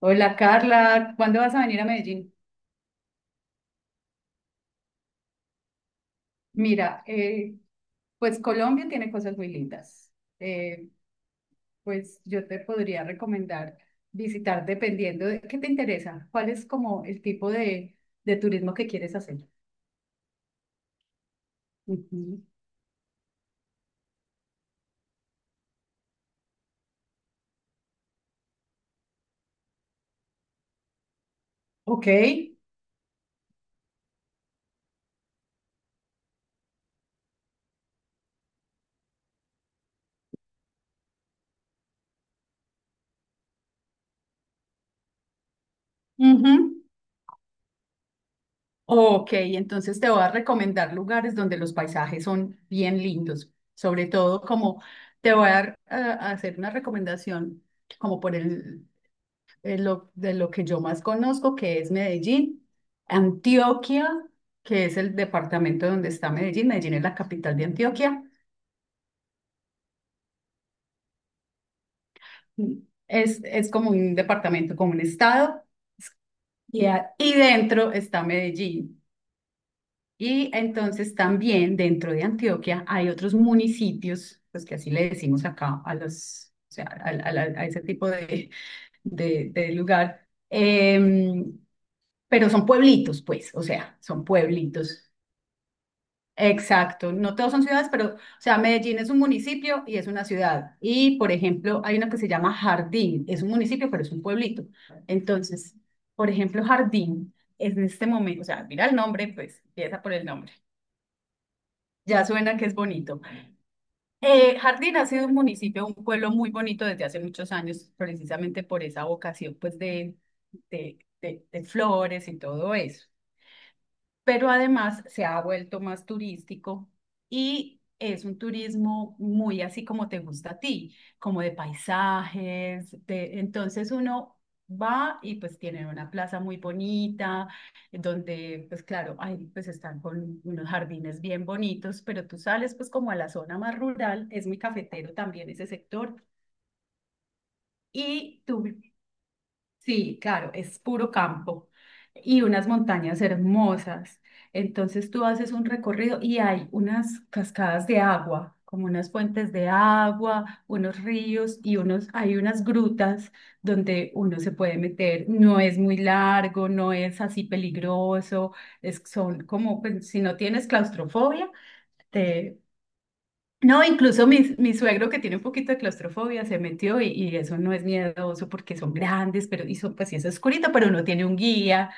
Hola Carla, ¿cuándo vas a venir a Medellín? Mira, pues Colombia tiene cosas muy lindas. Eh, pues yo te podría recomendar visitar dependiendo de qué te interesa, cuál es como el tipo de turismo que quieres hacer. Ujú. Ok. Ujú. Ok, entonces te voy a recomendar lugares donde los paisajes son bien lindos, sobre todo como te voy a hacer una recomendación como por el de lo que yo más conozco, que es Medellín, Antioquia, que es el departamento donde está Medellín. Medellín es la capital de Antioquia. Es como un departamento, como un estado, y dentro está Medellín. Y entonces también dentro de Antioquia hay otros municipios, pues que así le decimos acá a los, o sea, a ese tipo de lugar, pero son pueblitos, pues, o sea, son pueblitos. Exacto, no todos son ciudades, pero, o sea, Medellín es un municipio y es una ciudad. Y, por ejemplo, hay una que se llama Jardín, es un municipio, pero es un pueblito. Entonces, por ejemplo, Jardín es en este momento, o sea, mira el nombre, pues empieza por el nombre. Ya suena que es bonito. Jardín ha sido un municipio, un pueblo muy bonito desde hace muchos años, precisamente por esa vocación, pues, de, de flores y todo eso. Pero además se ha vuelto más turístico y es un turismo muy así como te gusta a ti, como de paisajes, entonces uno va y pues tienen una plaza muy bonita, donde pues claro, ahí pues están con unos jardines bien bonitos, pero tú sales pues como a la zona más rural, es muy cafetero también ese sector. Y tú Sí, claro, es puro campo y unas montañas hermosas. Entonces tú haces un recorrido y hay unas cascadas de agua, como unas fuentes de agua, unos ríos y unos, hay unas grutas donde uno se puede meter. No es muy largo, no es así peligroso. Son como, pues, si no tienes claustrofobia, te, no, incluso mi suegro que tiene un poquito de claustrofobia se metió, y eso no es miedoso porque son grandes, pues sí es oscurito, pero uno tiene un guía,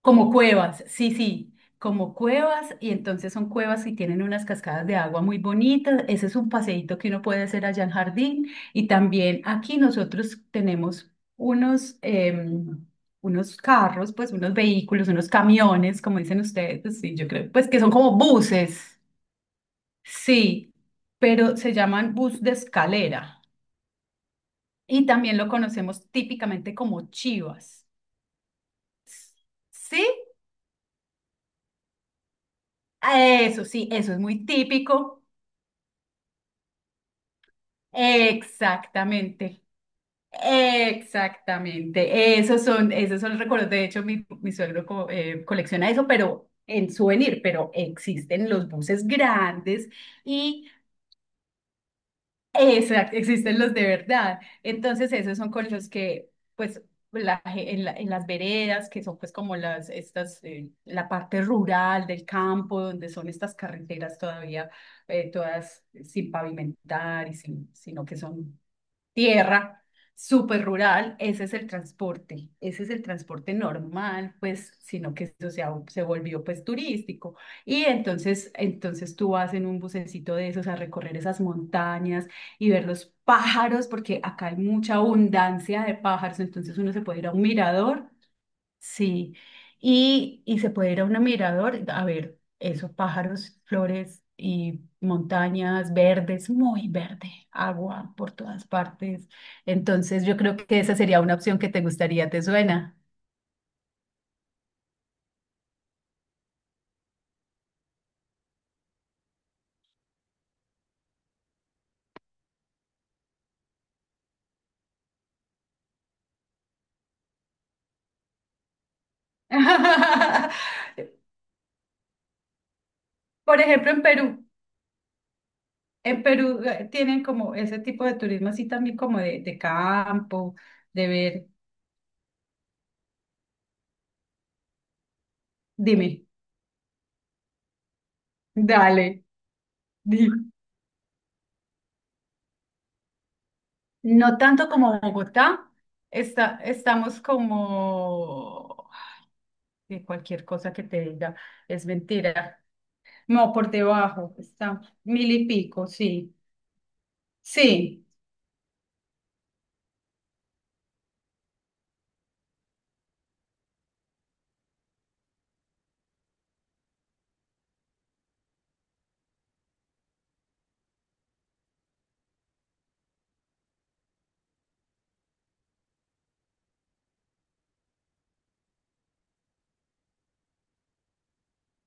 como cuevas, sí, sí, como cuevas y entonces son cuevas y tienen unas cascadas de agua muy bonitas. Ese es un paseíto que uno puede hacer allá en Jardín y también aquí nosotros tenemos unos carros, pues unos vehículos, unos camiones, como dicen ustedes, pues, sí, yo creo, pues que son como buses. Sí, pero se llaman bus de escalera y también lo conocemos típicamente como chivas. ¿Sí? Eso sí, eso es muy típico. Exactamente, exactamente. Esos son los recuerdos. De hecho, mi suegro colecciona eso, pero en souvenir, pero existen los buses grandes. y Exacto, existen los de verdad. Entonces, esos son con los que, pues, la ge- en, la- en las veredas, que son pues como las, estas, la parte rural del campo, donde son estas carreteras todavía, todas sin pavimentar, y sin, sino que son tierra, súper rural, ese es el transporte, ese es el transporte normal, pues, sino que eso se volvió pues turístico. Y entonces tú vas en un bucecito de esos a recorrer esas montañas y ver los pájaros, porque acá hay mucha abundancia de pájaros, entonces uno se puede ir a un mirador. Sí, y se puede ir a un mirador a ver esos pájaros, flores y montañas verdes, muy verde, agua por todas partes. Entonces yo creo que esa sería una opción que te gustaría, ¿te suena? Por ejemplo, en Perú tienen como ese tipo de turismo así también como de campo, de ver. Dime, dale, dime. No tanto como Bogotá, estamos como que cualquier cosa que te diga es mentira. No, por debajo, está mil y pico, sí. Sí,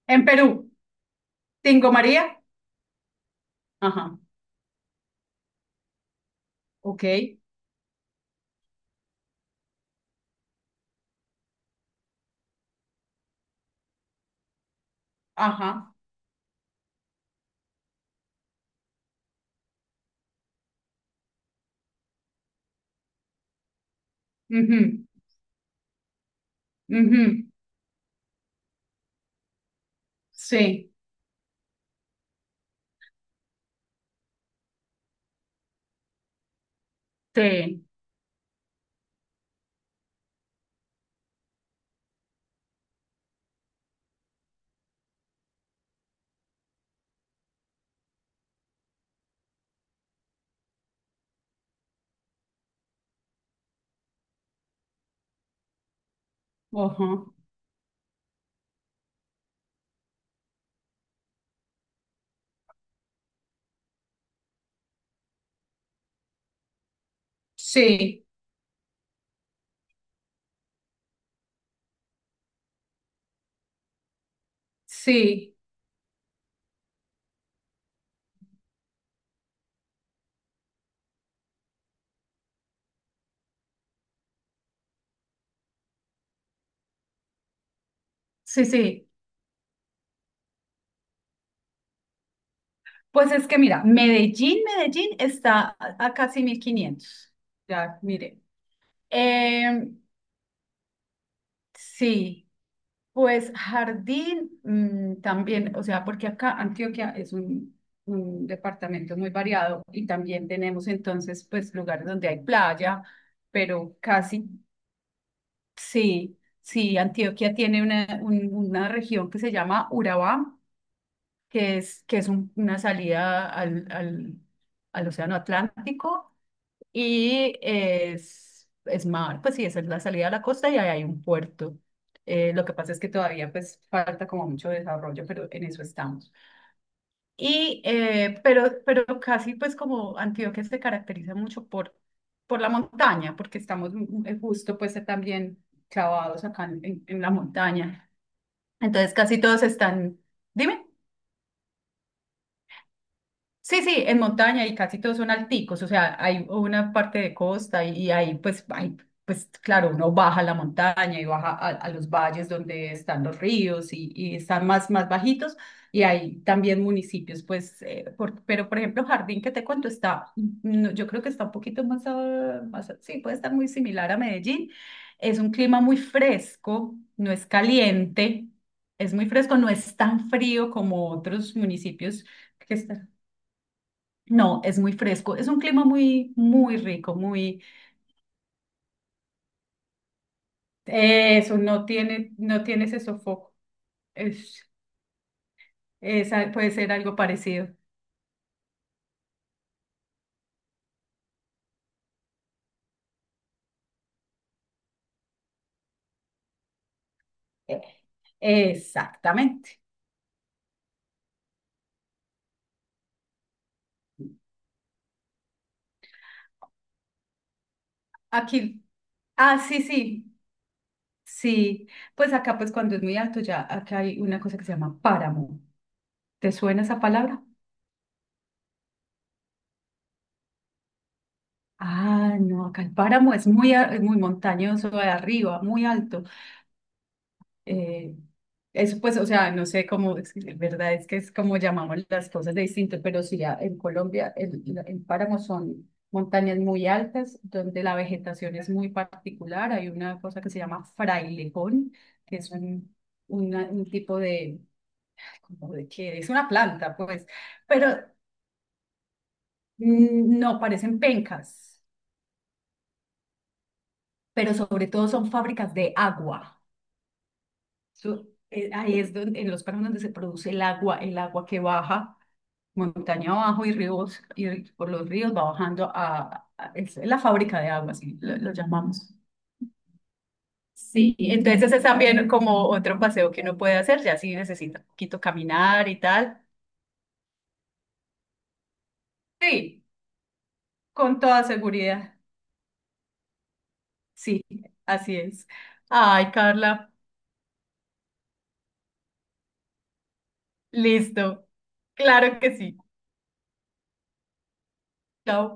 en Perú, Tingo María, ajá, ok, ajá, mhm, mhm, sí, sí, ajá, sí, sí, sí, sí. Pues es que mira, Medellín está a casi 1.500. Ya, mire. Em, Sí, pues Jardín también, o sea, porque acá Antioquia es un departamento muy variado y también tenemos entonces pues lugares donde hay playa, pero casi, sí, sí, Antioquia tiene una región que se llama Urabá, que es una salida al, al Océano Atlántico y es mar, pues sí, esa es la salida a la costa y ahí hay un puerto. Lo que pasa es que todavía pues falta como mucho desarrollo, pero en eso estamos. Y, pero casi pues como Antioquia se caracteriza mucho por la montaña, porque estamos justo pues también clavados acá en la montaña. Entonces casi todos están. Dime. Sí, sí, en montaña y casi todos son alticos, o sea, hay una parte de costa y ahí pues, pues claro, uno baja la montaña y baja a los valles donde están los ríos y están más bajitos y hay también municipios, pues, pero por ejemplo, Jardín que te cuento está, no, yo creo que está un poquito más, sí, puede estar muy similar a Medellín, es un clima muy fresco, no es caliente, es muy fresco, no es tan frío como otros municipios que está- no, es muy fresco, es un clima muy, muy rico, muy... Eso, no tiene, no tiene ese sofoco. Es, esa puede ser algo parecido. Eh, Exactamente. Aquí, ah, sí, sí, sí. Pues acá, pues cuando es muy alto, ya acá hay una cosa que se llama páramo. ¿Te suena esa palabra? Ah, no, acá el páramo es muy montañoso de arriba, muy alto. Eh, Eso pues, o sea, no sé cómo, es que la verdad es que es como llamamos las cosas de distinto, pero sí, en Colombia el, el páramo son montañas muy altas donde la vegetación es muy particular. Hay una cosa que se llama frailejón, que es un tipo de, ay, ¿cómo de qué? Es una planta, pues, pero no parecen pencas, pero sobre todo son fábricas de agua. Eso, ahí es donde, en los páramos donde se produce el agua que baja montaña abajo y ríos, y por los ríos va bajando es la fábrica de agua, así lo llamamos. Y entonces es también como otro paseo que uno puede hacer, ya si necesita un poquito caminar y tal. Sí, con toda seguridad. Sí, así es. Ay, Carla, listo. Claro que sí. Chao.